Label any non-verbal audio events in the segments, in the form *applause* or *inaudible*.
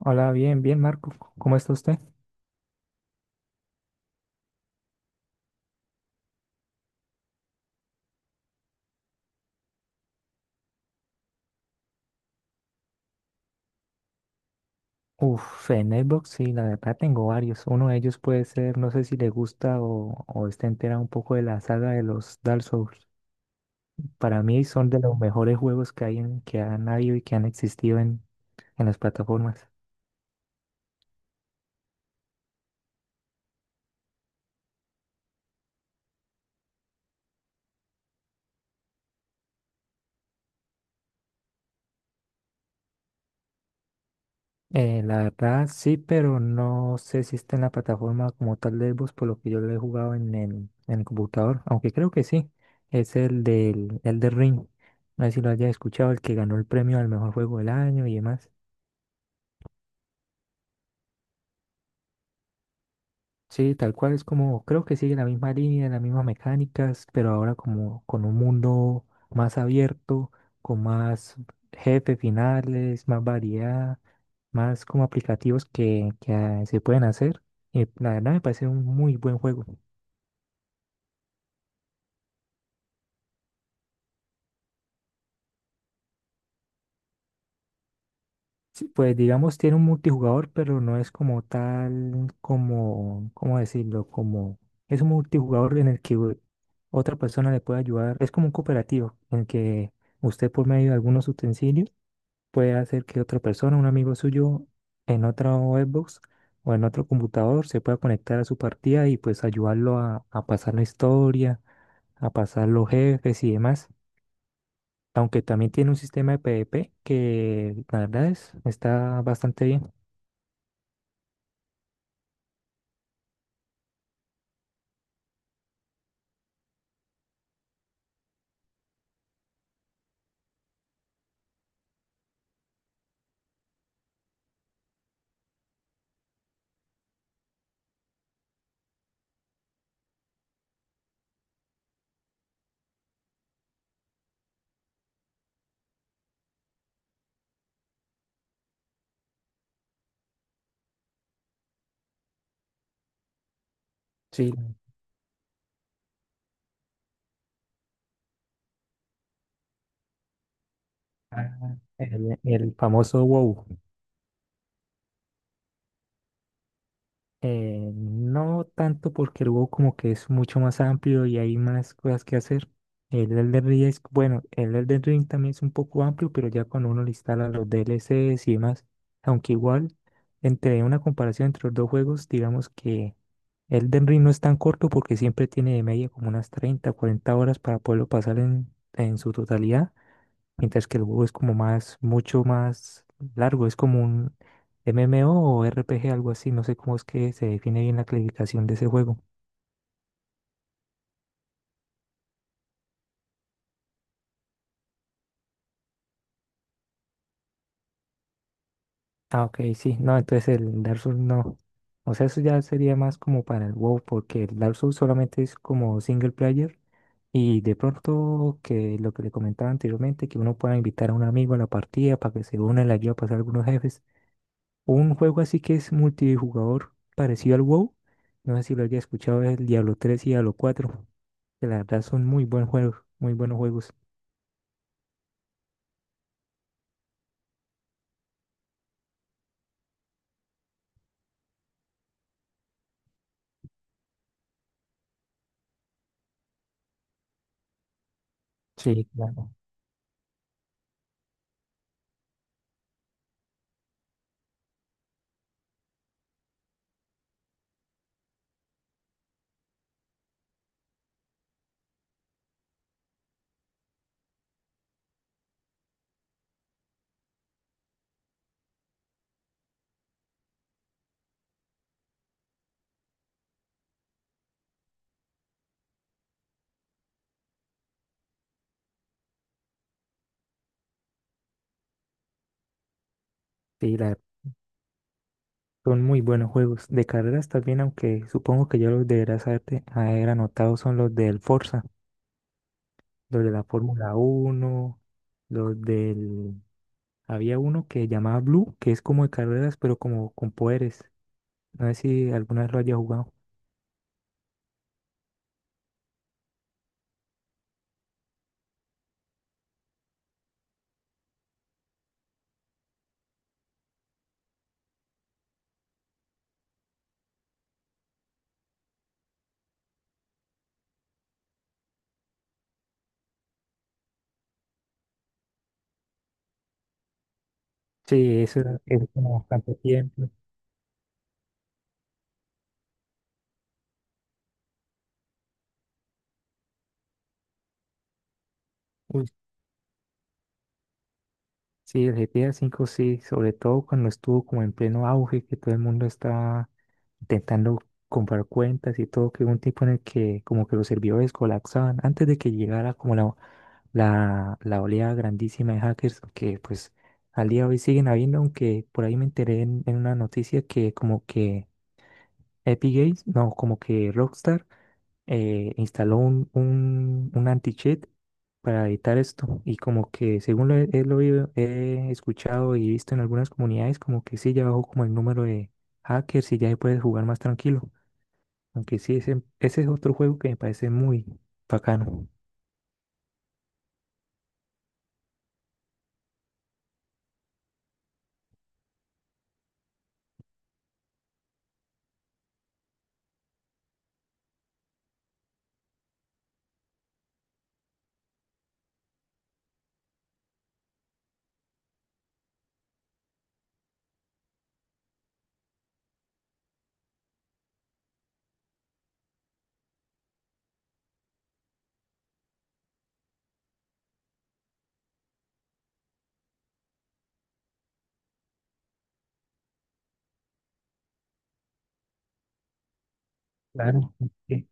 Hola, bien, bien, Marco. ¿Cómo está usted? Uf, en Xbox sí, la verdad tengo varios. Uno de ellos puede ser, no sé si le gusta o está entera un poco de la saga de los Dark Souls. Para mí son de los mejores juegos que hay que han habido y que han existido en las plataformas. La verdad sí, pero no sé si está en la plataforma como tal de Xbox, por lo que yo lo he jugado en el computador, aunque creo que sí. Es el del el de Ring. No sé si lo haya escuchado, el que ganó el premio al mejor juego del año y demás. Sí, tal cual. Es como, creo que sigue la misma línea, las mismas mecánicas, pero ahora como con un mundo más abierto, con más jefes finales, más variedad, más como aplicativos que se pueden hacer. Y la verdad me parece un muy buen juego. Sí, pues digamos tiene un multijugador, pero no es como tal, como, ¿cómo decirlo? Como es un multijugador en el que otra persona le puede ayudar. Es como un cooperativo en el que usted por medio de algunos utensilios puede hacer que otra persona, un amigo suyo, en otra Xbox o en otro computador se pueda conectar a su partida y pues ayudarlo a pasar la historia, a pasar los jefes y demás. Aunque también tiene un sistema de PvP que la verdad es, está bastante bien. Sí. Ah, el famoso WoW. No tanto porque el WoW como que es mucho más amplio y hay más cosas que hacer. El Elden Ring es, bueno, el Elden Ring también es un poco amplio, pero ya cuando uno le instala los DLCs y demás. Aunque igual, entre una comparación entre los dos juegos, digamos que Elden Ring no es tan corto porque siempre tiene de media como unas 30 40 horas para poderlo pasar en su totalidad, mientras que el WoW es como más, mucho más largo, es como un MMO o RPG, algo así, no sé cómo es que se define bien la clasificación de ese juego. Ah, ok, sí, no, entonces el Dark Souls no. O sea, eso ya sería más como para el WoW, porque el Dark Souls solamente es como single player y de pronto que lo que le comentaba anteriormente, que uno pueda invitar a un amigo a la partida para que se una y le ayude a pasar algunos jefes. Un juego así que es multijugador parecido al WoW. No sé si lo haya escuchado, es el Diablo 3 y Diablo 4. Que la verdad son muy buenos juegos, muy buenos juegos. Sí, claro. Sí, son muy buenos juegos. De carreras también, aunque supongo que ya los deberás haber anotado, son los del Forza, los de la Fórmula 1, los del... Había uno que llamaba Blue, que es como de carreras, pero como con poderes. No sé si alguna vez lo haya jugado. Sí, eso era, eso como bastante tiempo. Sí, el GTA 5 sí, sobre todo cuando estuvo como en pleno auge, que todo el mundo estaba intentando comprar cuentas y todo, que hubo un tipo en el que como que los servidores colapsaban antes de que llegara como la oleada grandísima de hackers, que pues al día de hoy siguen habiendo, aunque por ahí me enteré en una noticia que como que Epic Games, no, como que Rockstar instaló un anti-cheat para evitar esto. Y como que según lo he escuchado y visto en algunas comunidades, como que sí, ya bajó como el número de hackers y ya se puede jugar más tranquilo. Aunque sí, ese es otro juego que me parece muy bacano. Claro. Ok.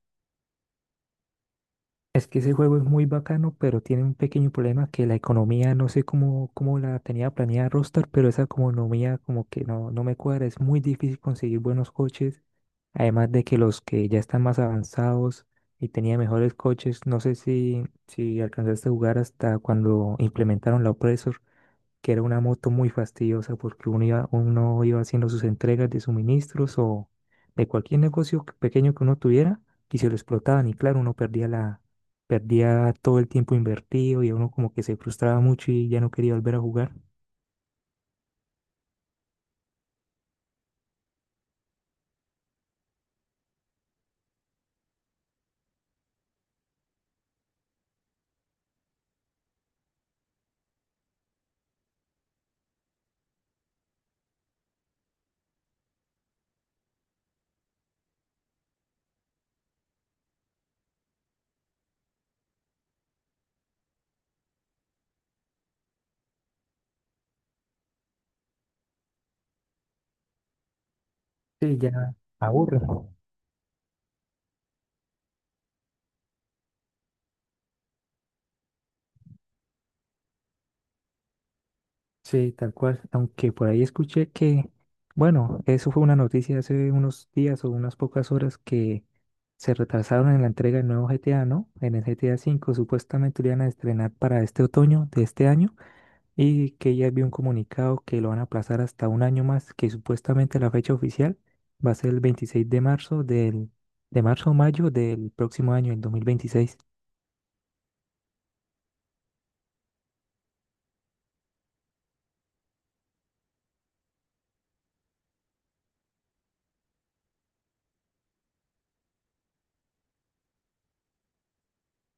Es que ese juego es muy bacano, pero tiene un pequeño problema que la economía, no sé cómo la tenía planeada Rockstar, pero esa economía como que no me cuadra. Es muy difícil conseguir buenos coches, además de que los que ya están más avanzados y tenían mejores coches, no sé si, si alcanzaste a jugar hasta cuando implementaron la Oppressor, que era una moto muy fastidiosa porque uno iba haciendo sus entregas de suministros o de cualquier negocio que- pequeño que uno tuviera y se lo explotaban y claro, uno perdía todo el tiempo invertido y uno como que se frustraba mucho y ya no quería volver a jugar. Sí, ya aburre. Sí, tal cual. Aunque por ahí escuché que, bueno, eso fue una noticia hace unos días o unas pocas horas que se retrasaron en la entrega del nuevo GTA, ¿no? En el GTA 5, supuestamente lo iban a estrenar para este otoño de este año y que ya había un comunicado que lo van a aplazar hasta un año más, que supuestamente la fecha oficial va a ser el 26 de marzo de marzo o mayo del próximo año, el 2026.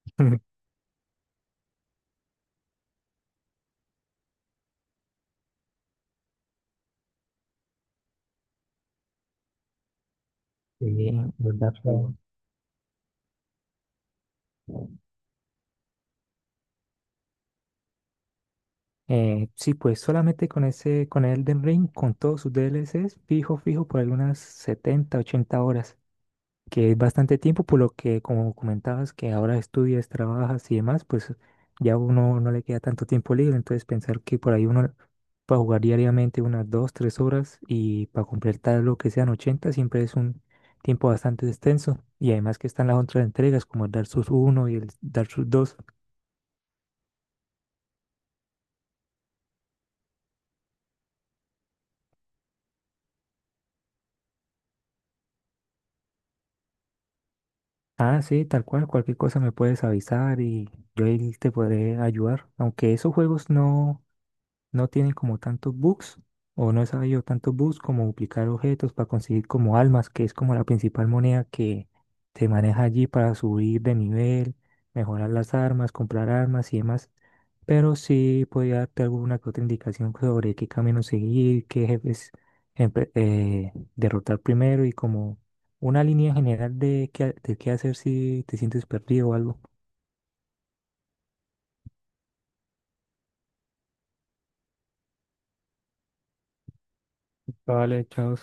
*laughs* Sí, ¿verdad? Sí, pues solamente con ese, con Elden Ring, con todos sus DLCs, fijo, fijo, por algunas 70, 80 horas, que es bastante tiempo, por lo que, como comentabas, que ahora estudias, trabajas y demás, pues ya uno no le queda tanto tiempo libre, entonces pensar que por ahí uno para jugar diariamente unas 2, 3 horas y para completar lo que sean 80, siempre es un tiempo bastante extenso, y además que están las otras entregas, como el Dark Souls 1 y el Dark Souls 2. Ah, sí, tal cual, cualquier cosa me puedes avisar y yo ahí te podré ayudar. Aunque esos juegos no tienen como tantos bugs, o no he sabido tantos bugs como duplicar objetos para conseguir como almas, que es como la principal moneda que se maneja allí para subir de nivel, mejorar las armas, comprar armas y demás. Pero sí podría darte alguna que otra indicación sobre qué camino seguir, qué jefes derrotar primero y como una línea general de qué hacer si te sientes perdido o algo. Vale, chao.